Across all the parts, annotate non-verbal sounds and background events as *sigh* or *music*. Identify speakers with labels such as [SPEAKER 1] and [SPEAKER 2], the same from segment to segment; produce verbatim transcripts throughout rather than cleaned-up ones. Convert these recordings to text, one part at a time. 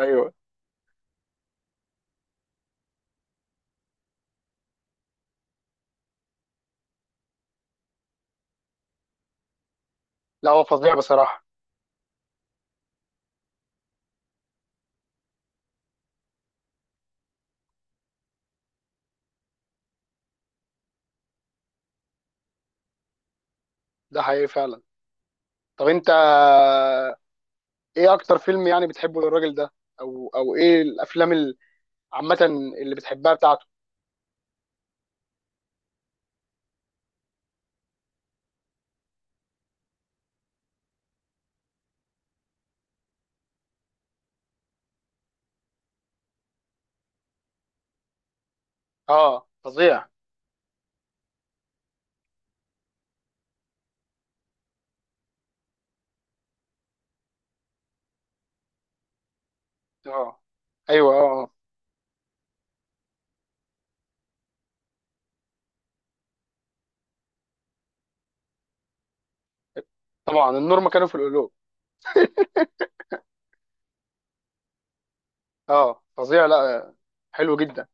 [SPEAKER 1] ايوه. لا، هو فظيع بصراحه. ده حقيقي فعلا. طب انت، ايه اكتر فيلم يعني بتحبه للراجل ده؟ او او ايه الافلام ال- عامه اللي بتحبها بتاعته؟ اه فظيع. اه. ايوه. اه. آه. طبعا، النور مكانه في القلوب. اه فظيع. لا، حلو جدا.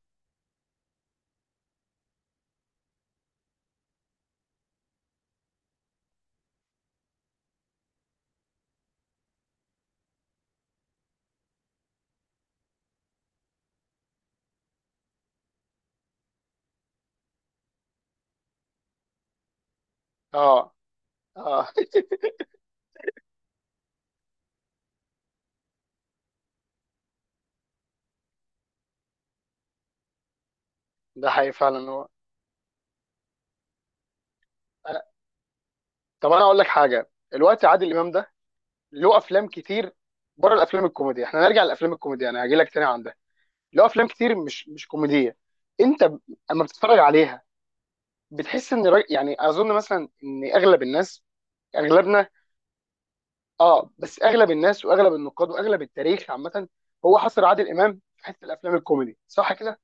[SPEAKER 1] اه. اه. *laughs* ده حقيقي فعلا هو. أنا- طب انا اقول لك حاجه. الوقت عادل امام ده له افلام كتير. بره الافلام الكوميدي، احنا نرجع للافلام الكوميدي انا هجي لك تاني عندها. له افلام كتير مش مش كوميديه. انت ب- اما بتتفرج عليها بتحس ان الراجل، يعني اظن مثلا ان اغلب الناس، اغلبنا، اه، بس اغلب الناس واغلب النقاد واغلب التاريخ عامه، هو حصر عادل امام في حته الافلام الكوميدي، صح كده؟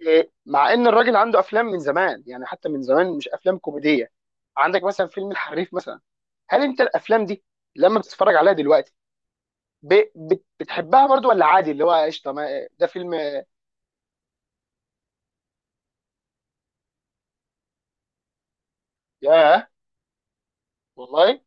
[SPEAKER 1] إيه، مع ان الراجل عنده افلام من زمان، يعني حتى من زمان، مش افلام كوميديه. عندك مثلا فيلم الحريف مثلا. هل انت الافلام دي لما بتتفرج عليها دلوقتي ب- بت- بتحبها برضو ولا عادي، اللي هو قشطه، ما- ده فيلم؟ ياه. والله.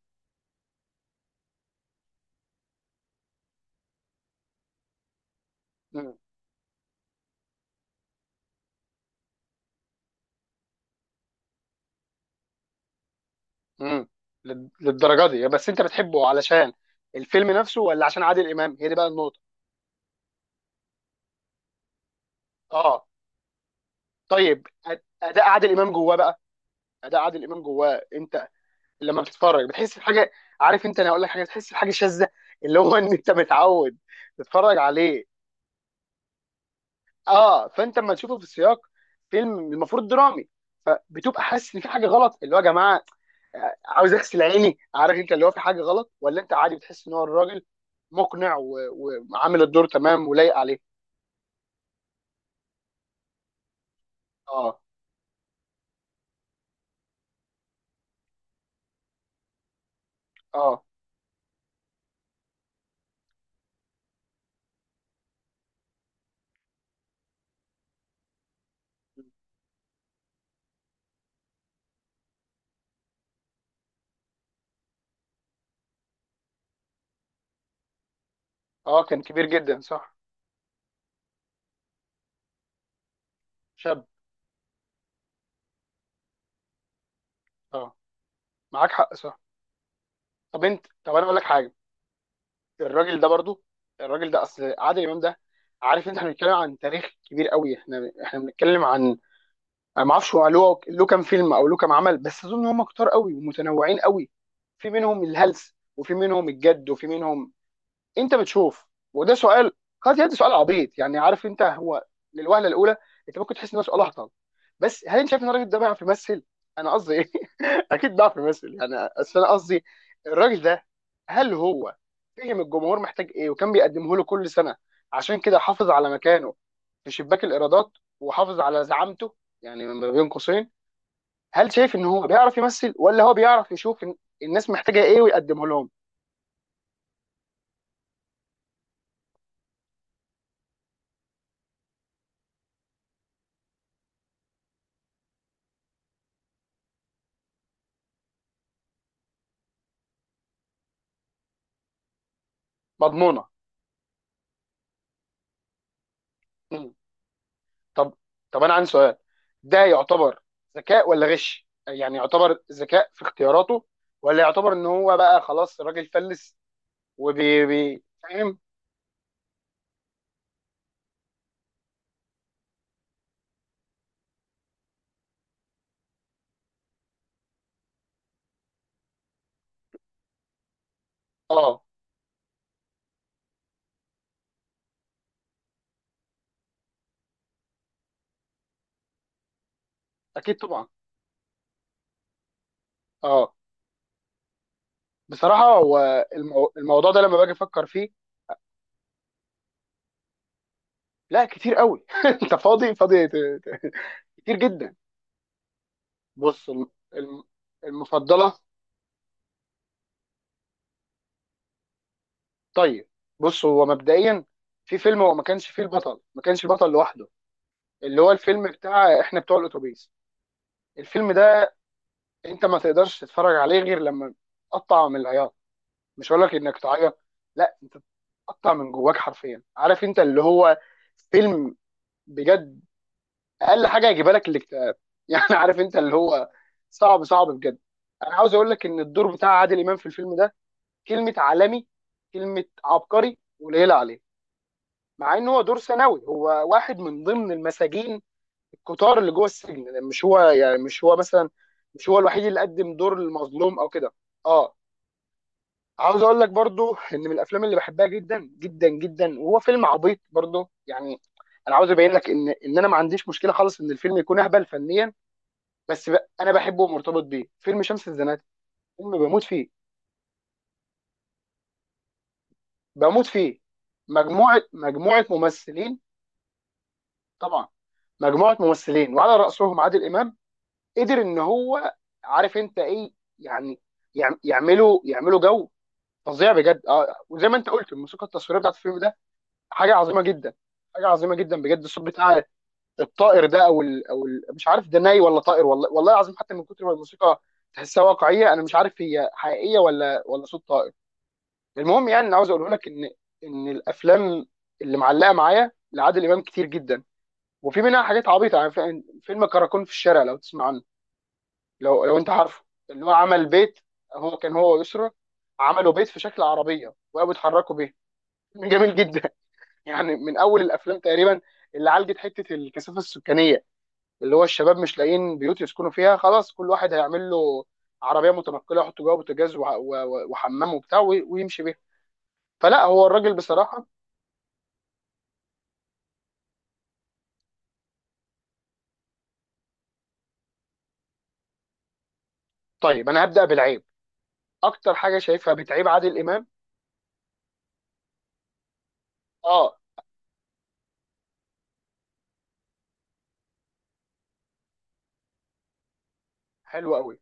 [SPEAKER 1] امم. لل- للدرجه دي؟ بس انت بتحبه علشان الفيلم نفسه ولا عشان عادل امام؟ هي دي بقى النقطه. اه. طيب، أد- اداء عادل امام جواه بقى، اداء عادل امام جواه، انت لما بتتفرج بتحس بحاجه، عارف انت، انا هقول لك حاجه، بتحس بحاجه شاذه. *laughs* اللي هو ان انت متعود تتفرج عليه. اه. فانت لما تشوفه في السياق فيلم المفروض درامي، فبتبقى حاسس ان في حاجه غلط، اللي هو يا جماعه عاوز اغسل عيني، عارف انت، اللي هو في حاجه غلط، ولا انت عادي بتحس ان هو الراجل مقنع و- وعامل الدور تمام ولايق عليه؟ اه. اه. اه كان كبير جدا، صح. شاب. اه، معاك حق، صح. طب انت طب انا اقول لك حاجه. الراجل ده برضو، الراجل ده، اصل عادل امام ده، عارف انت، احنا بنتكلم عن تاريخ كبير قوي، احنا احنا بنتكلم عن، انا ما اعرفش هو له له كام فيلم او له كام عمل، بس اظن هم كتار قوي ومتنوعين قوي. في منهم الهلس وفي منهم الجد وفي منهم، انت بتشوف. وده سؤال قد يبدو سؤال عبيط، يعني عارف انت، هو للوهله الاولى انت ممكن تحس ان ده سؤال اهطل، بس هل انت شايف ان الراجل ده بيعرف يمثل؟ انا قصدي ايه؟ *laughs* اكيد بيعرف يمثل يعني، اصل انا قصدي الراجل ده، هل هو فهم الجمهور محتاج ايه وكان بيقدمه له كل سنه عشان كده حافظ على مكانه في شباك الايرادات، وحافظ على زعامته، يعني ما بين قوسين، هل شايف ان هو بيعرف يمثل ولا هو بيعرف يشوف إن الناس محتاجه ايه ويقدمه لهم مضمونه؟ طب، طب انا عندي سؤال. ده يعتبر ذكاء ولا غش؟ يعني يعتبر ذكاء في اختياراته، ولا يعتبر ان هو بقى خلاص الراجل فلس، وبي بي- فاهم؟ اه اكيد طبعا. اه، بصراحه هو المو... الموضوع ده لما باجي افكر فيه، لا، كتير قوي. *laughs* انت فاضي؟ فاضي، ت- ت- كتير جدا. بص، الم... الم- المفضله. طيب، بص هو مبدئيا، في فيلم هو ما كانش فيه البطل ما كانش البطل لوحده، اللي هو الفيلم بتاع احنا بتوع الاتوبيس، الفيلم ده انت ما تقدرش تتفرج عليه غير لما تقطع من العياط. مش هقول لك انك تعيط، لا، انت تقطع من جواك حرفيا، عارف انت اللي هو فيلم، بجد، اقل حاجه هيجيبها لك الاكتئاب. *laughs* يعني عارف انت اللي هو صعب صعب بجد. انا عاوز اقول لك ان الدور بتاع عادل امام في الفيلم ده، كلمه عالمي، كلمه عبقري قليله عليه، مع ان هو دور ثانوي، هو واحد من ضمن المساجين الكتار اللي جوه السجن، مش هو يعني، مش هو مثلا، مش هو الوحيد اللي قدم دور المظلوم او كده. اه. عاوز اقول لك برضو ان من الافلام اللي بحبها جدا جدا جدا، وهو فيلم عبيط برضو يعني، انا عاوز ابين لك ان ان انا ما عنديش مشكله خالص ان الفيلم يكون اهبل فنيا، بس ب... انا بحبه ومرتبط بيه، فيلم شمس الزناتي. فيلم بموت فيه، بموت فيه. مجموعه مجموعه ممثلين، طبعا، مجموعه ممثلين وعلى راسهم عادل امام، قدر ان هو، عارف انت ايه يعني، يعم- يعملوا يعملوا جو فظيع بجد. اه، وزي ما انت قلت، الموسيقى التصويريه بتاعت الفيلم ده حاجه عظيمه جدا، حاجه عظيمه جدا بجد. الصوت بتاع الطائر ده، او ال او ال مش عارف ده ناي ولا طائر، والله، والله العظيم، حتى من كتر ما الموسيقى تحسها واقعيه انا مش عارف هي حقيقيه ولا ولا صوت طائر. المهم يعني، انا عاوز اقوله لك ان ان الافلام اللي معلقه معايا لعادل امام كتير جدا، وفي منها حاجات عبيطه، يعني في- فيلم كراكون في الشارع لو تسمع عنه، لو لو انت عارفه، اللي هو عمل بيت، هو كان هو ويسرا عملوا بيت في شكل عربيه وقاموا يتحركوا بيه. *laughs* جميل جدا، يعني من اول الافلام تقريبا اللي عالجت حته الكثافه السكانيه، اللي هو الشباب مش لاقيين بيوت يسكنوا فيها، خلاص كل واحد هيعمل له عربيه متنقله، يحط جوه بوتاجاز وع- و- و- وحمام وبتاع وي- ويمشي بيها. فلا، هو الراجل بصراحه. طيب، انا هبدا بالعيب. اكتر حاجه شايفها بتعيب عادل امام. اه. حلو قوي.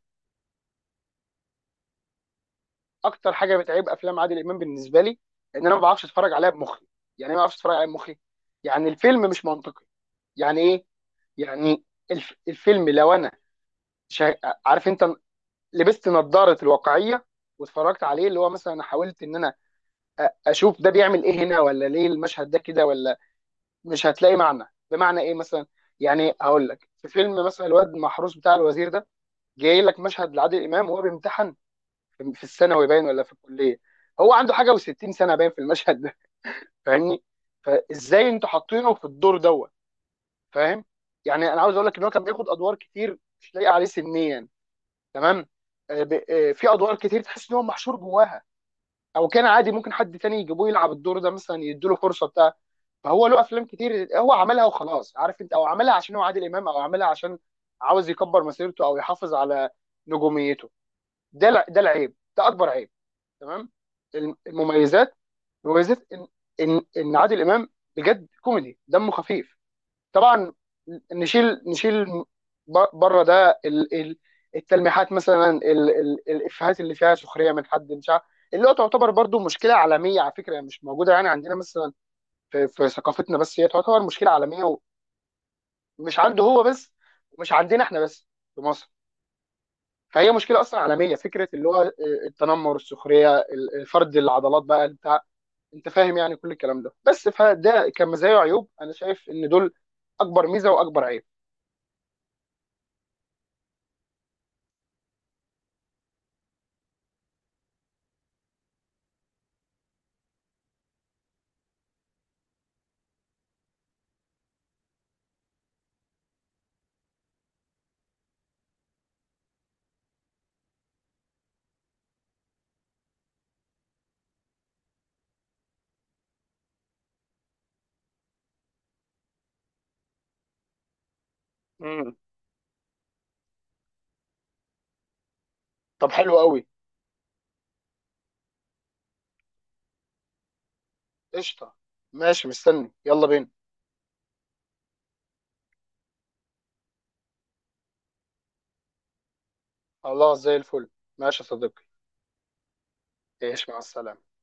[SPEAKER 1] اكتر حاجه بتعيب افلام عادل امام بالنسبه لي ان انا ما بعرفش اتفرج عليها بمخي. يعني إيه ما بعرفش اتفرج عليها بمخي؟ يعني الفيلم مش منطقي. يعني ايه؟ يعني الف... الفيلم لو انا شا... عارف انت لبست نظاره الواقعيه واتفرجت عليه، اللي هو مثلا حاولت ان انا اشوف ده بيعمل ايه هنا، ولا ليه المشهد ده كده، ولا، مش هتلاقي معنى. بمعنى ايه مثلا؟ يعني هقول لك في فيلم مثلا الواد المحروس بتاع الوزير ده، جاي لك مشهد لعادل امام وهو بيمتحن في الثانوي باين ولا في الكليه، هو عنده حاجه و60 سنه باين في المشهد ده، فاهمني؟ فازاي انتوا حاطينه في الدور دوت، فاهم؟ يعني انا عاوز اقول لك ان هو كان بياخد ادوار كتير مش لايقه عليه سنيا، تمام. آه، ب- آه، في ادوار كتير تحس ان هو محشور جواها، او كان عادي ممكن حد تاني يجيبوه يلعب الدور ده مثلا، يديله فرصه بتاع. فهو له افلام كتير هو عملها وخلاص، عارف انت، او عملها عشان هو عادل امام، او عملها عشان عاوز يكبر مسيرته او يحافظ على نجوميته. ده الع- ده العيب، ده اكبر عيب، تمام. الم- المميزات، مميزات ان ان ان عادل امام بجد كوميدي دمه خفيف، طبعا، نشيل نشيل بره ده ال- ال- التلميحات مثلا، ال- ال- الافيهات اللي فيها سخريه من حد مش عارف، اللي هو تعتبر برضو مشكله عالميه على فكره، مش موجوده يعني عندنا مثلا في, في ثقافتنا بس، هي تعتبر مشكله عالميه، ومش عنده هو بس، ومش عندنا احنا بس في مصر، فهي مشكله اصلا عالميه. فكره اللي هو آه، التنمر، السخريه، ال- الفرد العضلات بقى بتاع، انت فاهم يعني كل الكلام ده. بس فده كمزايا وعيوب، انا شايف ان دول اكبر ميزه واكبر عيب. طب، حلو قوي. قشطه. ماشي، مستني، يلا بينا. خلاص زي الفل. ماشي يا صديقي. ايش مع السلامه.